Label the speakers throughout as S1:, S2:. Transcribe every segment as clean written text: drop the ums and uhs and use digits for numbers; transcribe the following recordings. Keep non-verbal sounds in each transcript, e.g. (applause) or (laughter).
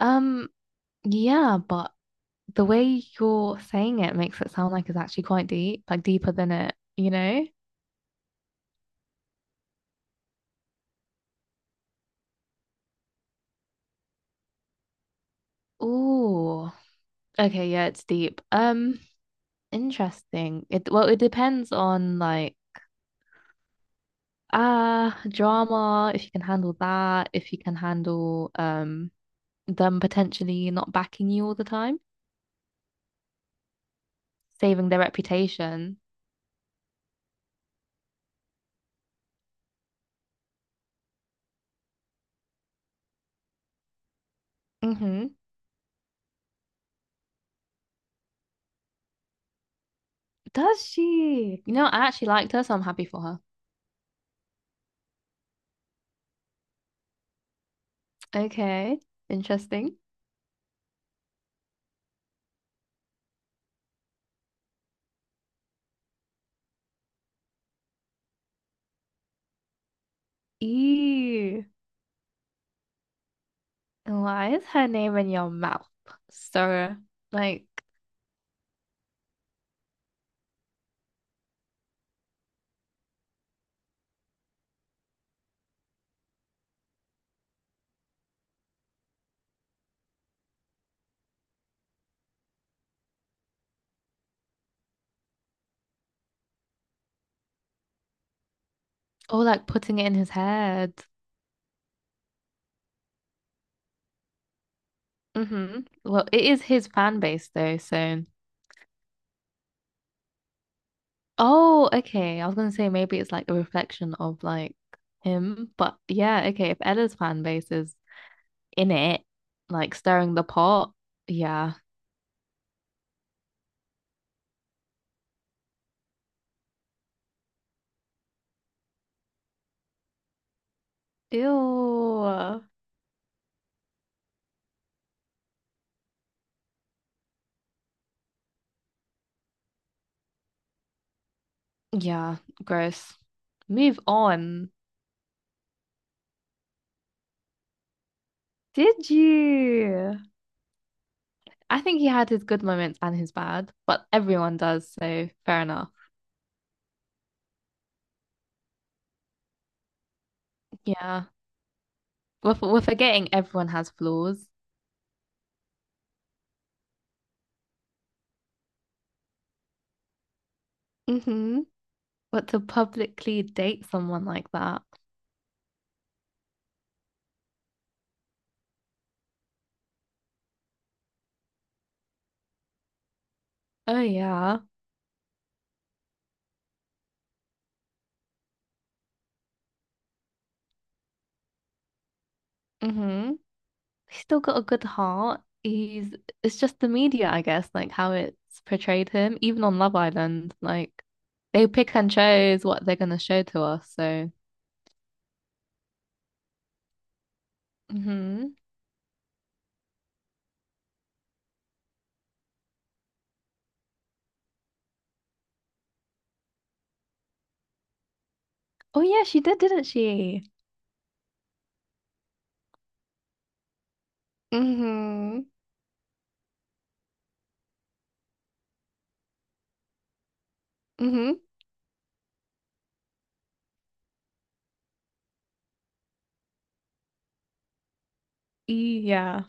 S1: Um, yeah, but the way you're saying it makes it sound like it's actually quite deep, like deeper than it. Ooh. Okay, yeah, it's deep. Interesting. It well, it depends on drama, if you can handle that, if you can handle them potentially not backing you all the time, saving their reputation. Mm-hmm. Does she? You know, I actually liked her, so I'm happy for her. Okay, interesting. Ew. Why is her name in your mouth? So, like, oh, like putting it in his head. Mm-hmm. Well, it is his fan base though. So, oh, okay. I was gonna say maybe it's like a reflection of like him, but yeah, okay. If Ella's fan base is in it, like stirring the pot, yeah. Ew. Yeah, gross. Move on. Did you? I think he had his good moments and his bad, but everyone does, so fair enough. Yeah. We're forgetting everyone has flaws. Hmm But to publicly date someone like that. Oh yeah. hmm He's still got a good heart. He's it's just the media, I guess, like how it's portrayed him, even on Love Island, like they pick and chose what they're gonna show to us. So hmm oh yeah, she did, didn't she? Hmm hmm Yeah.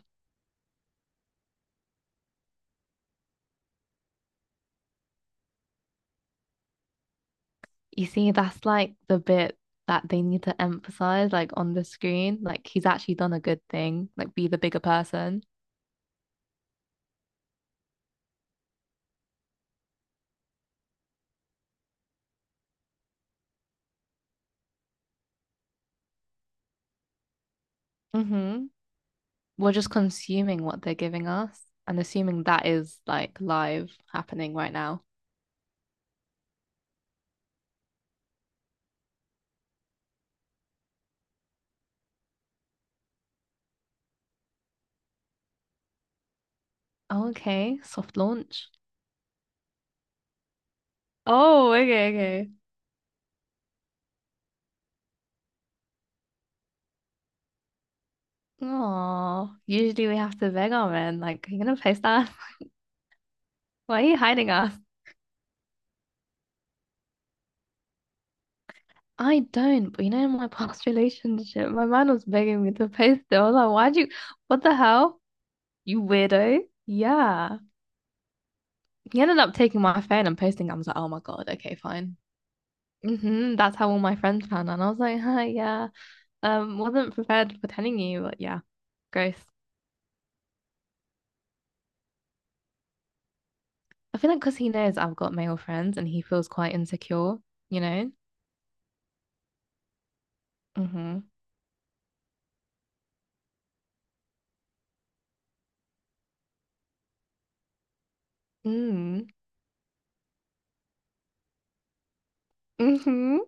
S1: You see, that's like the bit that they need to emphasize, like on the screen. Like he's actually done a good thing, like be the bigger person. Mm-hmm. We're just consuming what they're giving us and assuming that is like live happening right now. Oh, okay, soft launch. Oh, okay, okay. Oh, usually we have to beg our men, like, are you gonna post that? (laughs) Why are you hiding us? I don't, but you know, in my past (laughs) relationship, my man was begging me to post it. I was like, what the hell? You weirdo. Yeah. He ended up taking my phone and posting it. I was like, oh my God, okay, fine. Hmm That's how all my friends found out. And I was like, hi, yeah. Wasn't prepared for telling you, but yeah, gross. I feel like because he knows I've got male friends and he feels quite insecure, you know? Mm-hmm. Mm. Mm-hmm.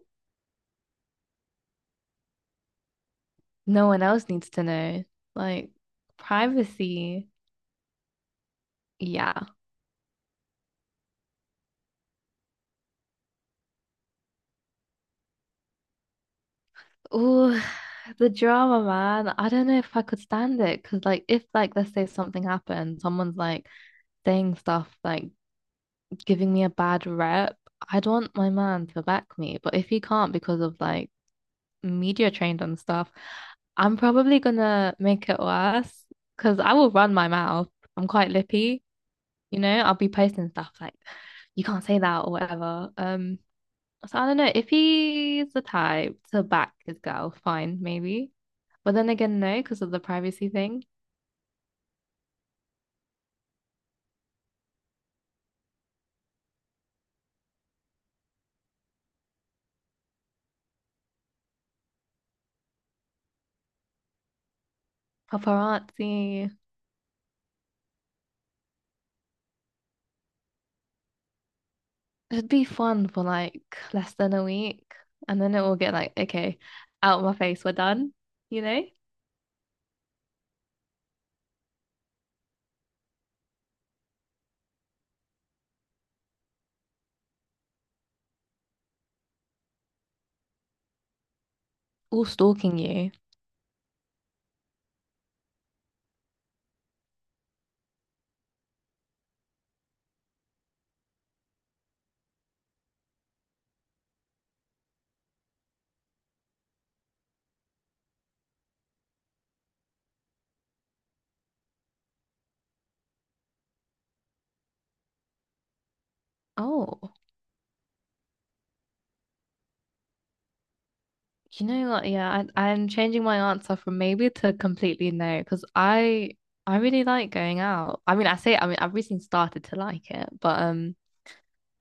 S1: No one else needs to know. Like, privacy. Yeah. Oh, the drama, man. I don't know if I could stand it because, like, if, like, let's say something happened, someone's like saying stuff, like giving me a bad rep, I'd want my man to back me. But if he can't because of like media trained and stuff, I'm probably gonna make it worse because I will run my mouth. I'm quite lippy, you know, I'll be posting stuff like, you can't say that or whatever. So I don't know if he's the type to back his girl, fine, maybe. But then again, no, because of the privacy thing. Paparazzi. It'd be fun for like less than a week. And then it will get like, okay, out of my face, we're done, you know? All stalking you. Oh, you know what? Yeah, I'm changing my answer from maybe to completely no, because I really like going out. I mean, I've recently started to like it, but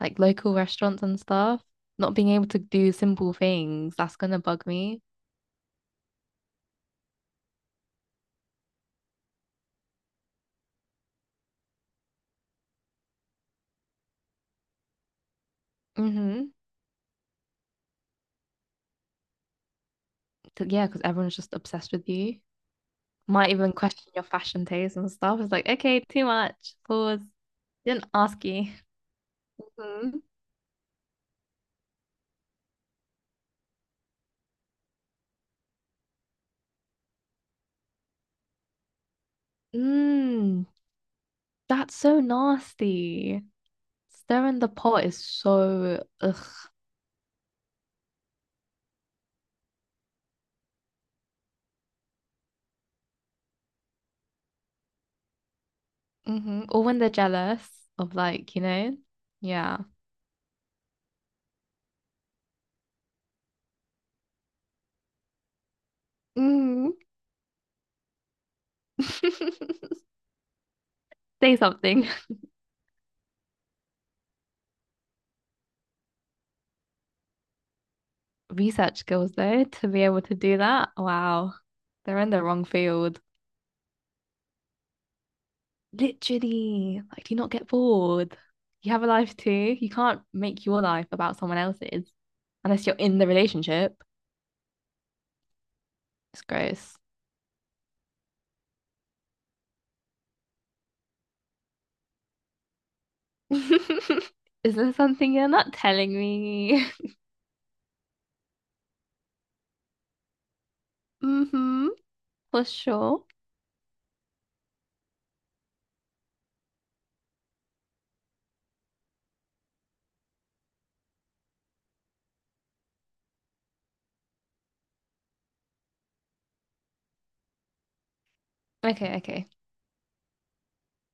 S1: like local restaurants and stuff, not being able to do simple things, that's gonna bug me. Mm-hmm. to, yeah, because everyone's just obsessed with you. Might even question your fashion taste and stuff. It's like, okay, too much. Pause. Didn't ask you. Mhm. Mm, that's so nasty. Stirring the pot is so ugh. Hmm Or when they're jealous of like, you know, yeah. Mhm. (laughs) Say something. Research skills though, to be able to do that. Wow. They're in the wrong field. Literally, like, do you not get bored? You have a life too. You can't make your life about someone else's unless you're in the relationship. It's gross. (laughs) Is there something you're not telling me? (laughs) Mm-hmm, for sure. Okay, okay.